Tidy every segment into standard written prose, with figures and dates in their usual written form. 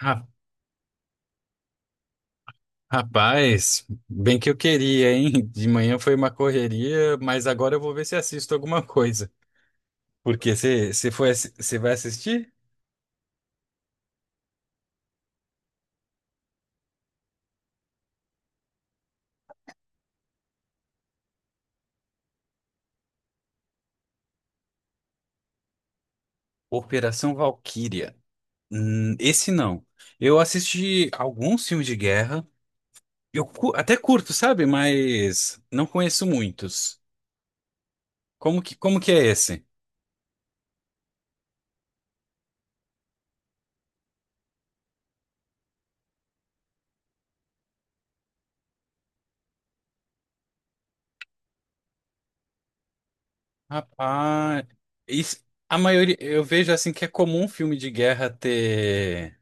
Ra- Rapaz, bem que eu queria, hein? De manhã foi uma correria, mas agora eu vou ver se assisto alguma coisa. Porque você foi, você vai assistir? Operação Valquíria. Esse não. Eu assisti alguns filmes de guerra. Eu até curto, sabe? Mas não conheço muitos. Como que é esse? Rapaz, isso- a maioria, eu vejo assim que é comum filme de guerra ter,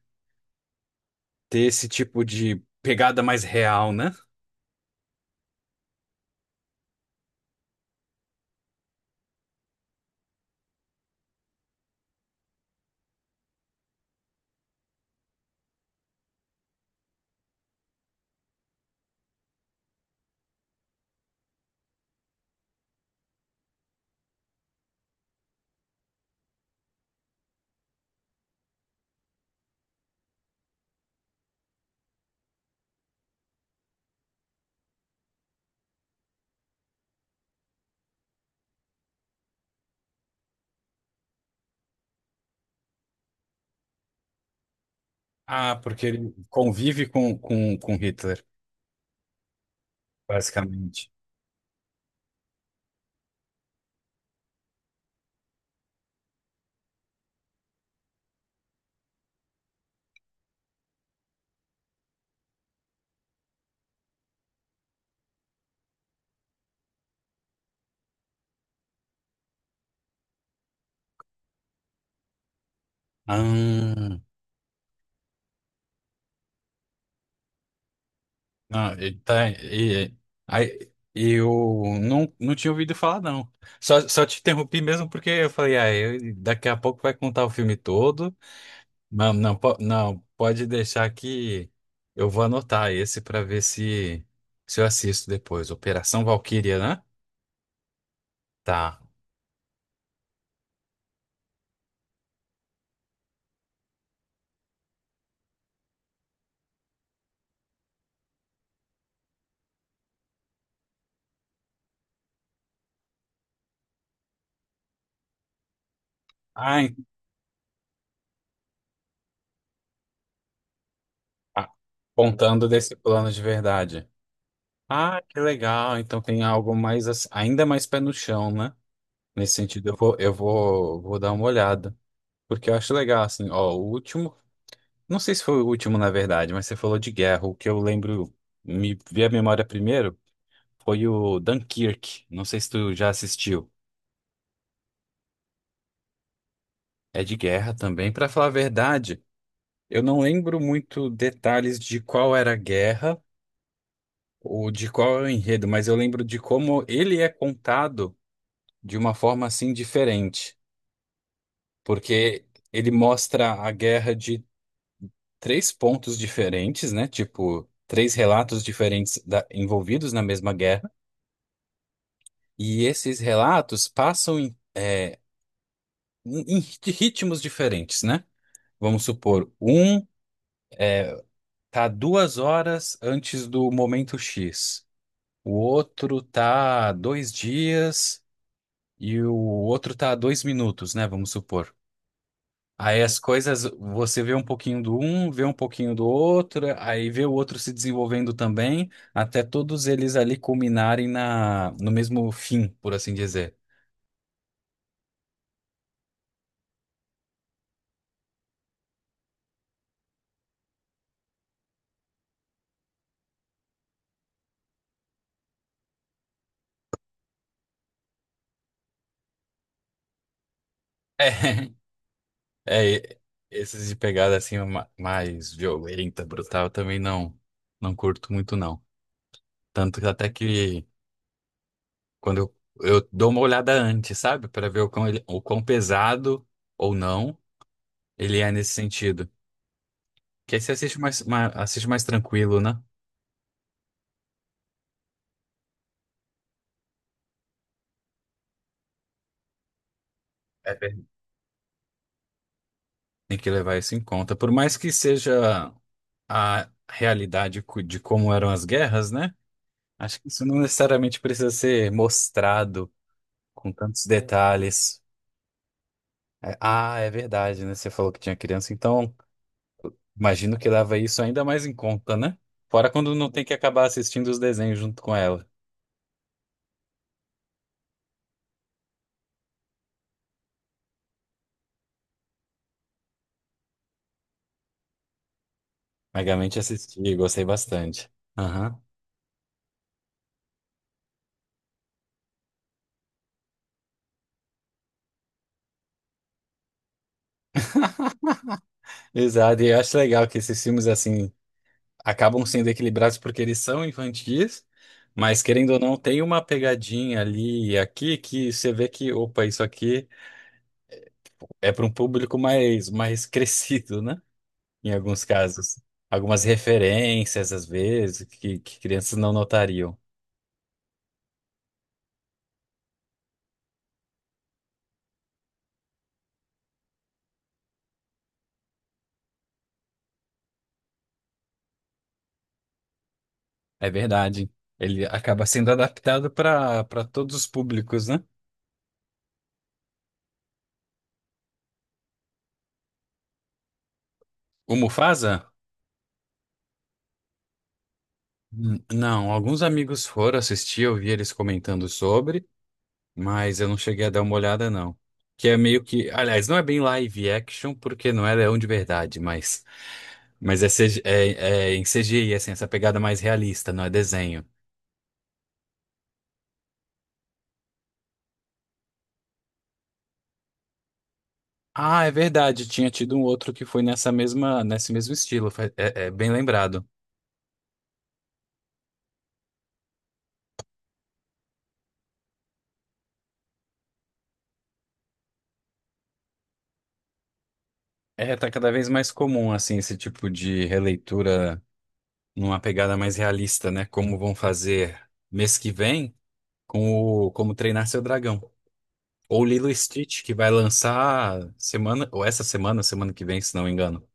ter esse tipo de pegada mais real, né? Ah, porque ele convive com Hitler, basicamente. Ah, não, ele tá. E, aí, eu não, não tinha ouvido falar, não. Só te interrompi mesmo porque eu falei, ah, daqui a pouco vai contar o filme todo. Não, não, não, pode deixar que eu vou anotar esse para ver se, se eu assisto depois. Operação Valquíria, né? Tá. Ah, ah, contando desse plano de verdade. Ah, que legal. Então tem algo mais ainda mais pé no chão, né? Nesse sentido, vou dar uma olhada. Porque eu acho legal, assim, ó, o último. Não sei se foi o último, na verdade, mas você falou de guerra. O que eu lembro, me vi a memória primeiro, foi o Dunkirk. Não sei se tu já assistiu. É de guerra também. Pra falar a verdade, eu não lembro muito detalhes de qual era a guerra ou de qual é o enredo, mas eu lembro de como ele é contado de uma forma assim diferente. Porque ele mostra a guerra de três pontos diferentes, né? Tipo, três relatos diferentes envolvidos na mesma guerra, e esses relatos passam em, é, em ritmos diferentes, né? Vamos supor, um tá duas horas antes do momento X, o outro tá dois dias e o outro tá dois minutos, né? Vamos supor. Aí as coisas, você vê um pouquinho do um, vê um pouquinho do outro, aí vê o outro se desenvolvendo também, até todos eles ali culminarem na, no mesmo fim, por assim dizer. É, é, esses de pegada assim mais violenta, brutal, eu também não, não curto muito não. Tanto que até que quando eu dou uma olhada antes, sabe? Pra ver o quão, ele, o quão pesado ou não ele é nesse sentido. Que aí você assiste mais, mais, assiste mais tranquilo, né? Tem que levar isso em conta. Por mais que seja a realidade de como eram as guerras, né? Acho que isso não necessariamente precisa ser mostrado com tantos detalhes. É, ah, é verdade, né? Você falou que tinha criança, então imagino que leva isso ainda mais em conta, né? Fora quando não tem que acabar assistindo os desenhos junto com ela. Megamente assisti, gostei bastante. Aham. Exato, e eu acho legal que esses filmes assim, acabam sendo equilibrados porque eles são infantis, mas querendo ou não, tem uma pegadinha ali e aqui que você vê que, opa, isso aqui é para um público mais, mais crescido, né? Em alguns casos. Algumas referências, às vezes, que crianças não notariam. É verdade. Ele acaba sendo adaptado para todos os públicos, né? O Mufasa? Não, alguns amigos foram assistir, eu vi eles comentando sobre. Mas eu não cheguei a dar uma olhada, não. Que é meio que. Aliás, não é bem live action, porque não é leão de verdade, mas. Mas é, CG é, é em CGI, assim, essa pegada mais realista, não é desenho. Ah, é verdade, tinha tido um outro que foi nessa mesma, nesse mesmo estilo, é, é bem lembrado. É, tá cada vez mais comum, assim, esse tipo de releitura numa pegada mais realista, né? Como vão fazer mês que vem com o Como Treinar Seu Dragão. Ou Lilo e Stitch, que vai lançar semana, ou essa semana, semana que vem, se não me engano.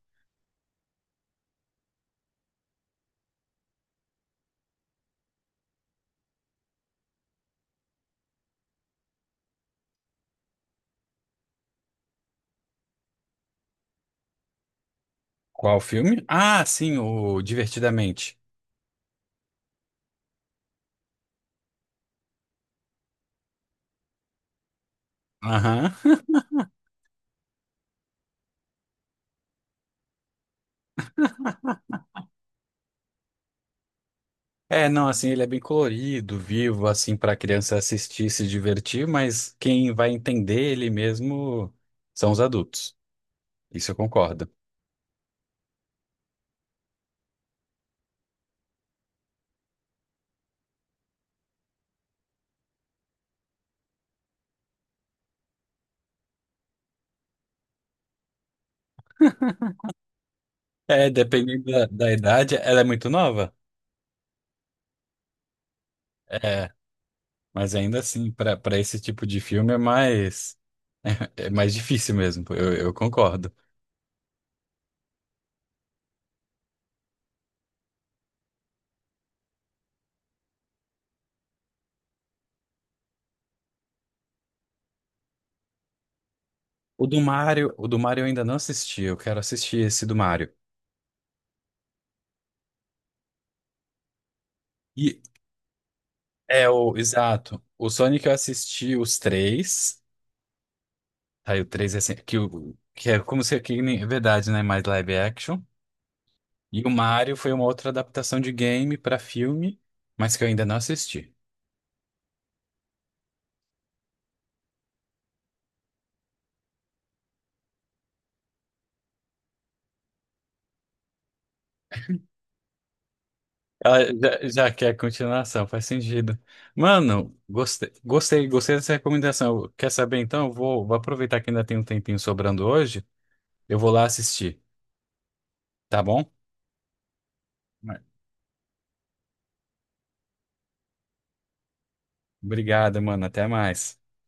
Qual filme? Ah, sim, o Divertidamente. Aham. É, não, assim, ele é bem colorido, vivo, assim, pra criança assistir e se divertir, mas quem vai entender ele mesmo são os adultos. Isso eu concordo. É, dependendo da idade, ela é muito nova. É, mas ainda assim, pra para esse tipo de filme é mais difícil mesmo, eu concordo. O do Mario eu ainda não assisti, eu quero assistir esse do Mario. E é o, exato, o Sonic eu assisti os três, aí o três é assim, que, o- que é como se que nem- é verdade, né, mais live action. E o Mario foi uma outra adaptação de game pra filme, mas que eu ainda não assisti. Ela já, já quer continuação, faz sentido. Mano, gostei, gostei, gostei dessa recomendação. Quer saber então? Vou aproveitar que ainda tem um tempinho sobrando hoje, eu vou lá assistir, tá bom? Obrigado, mano. Até mais.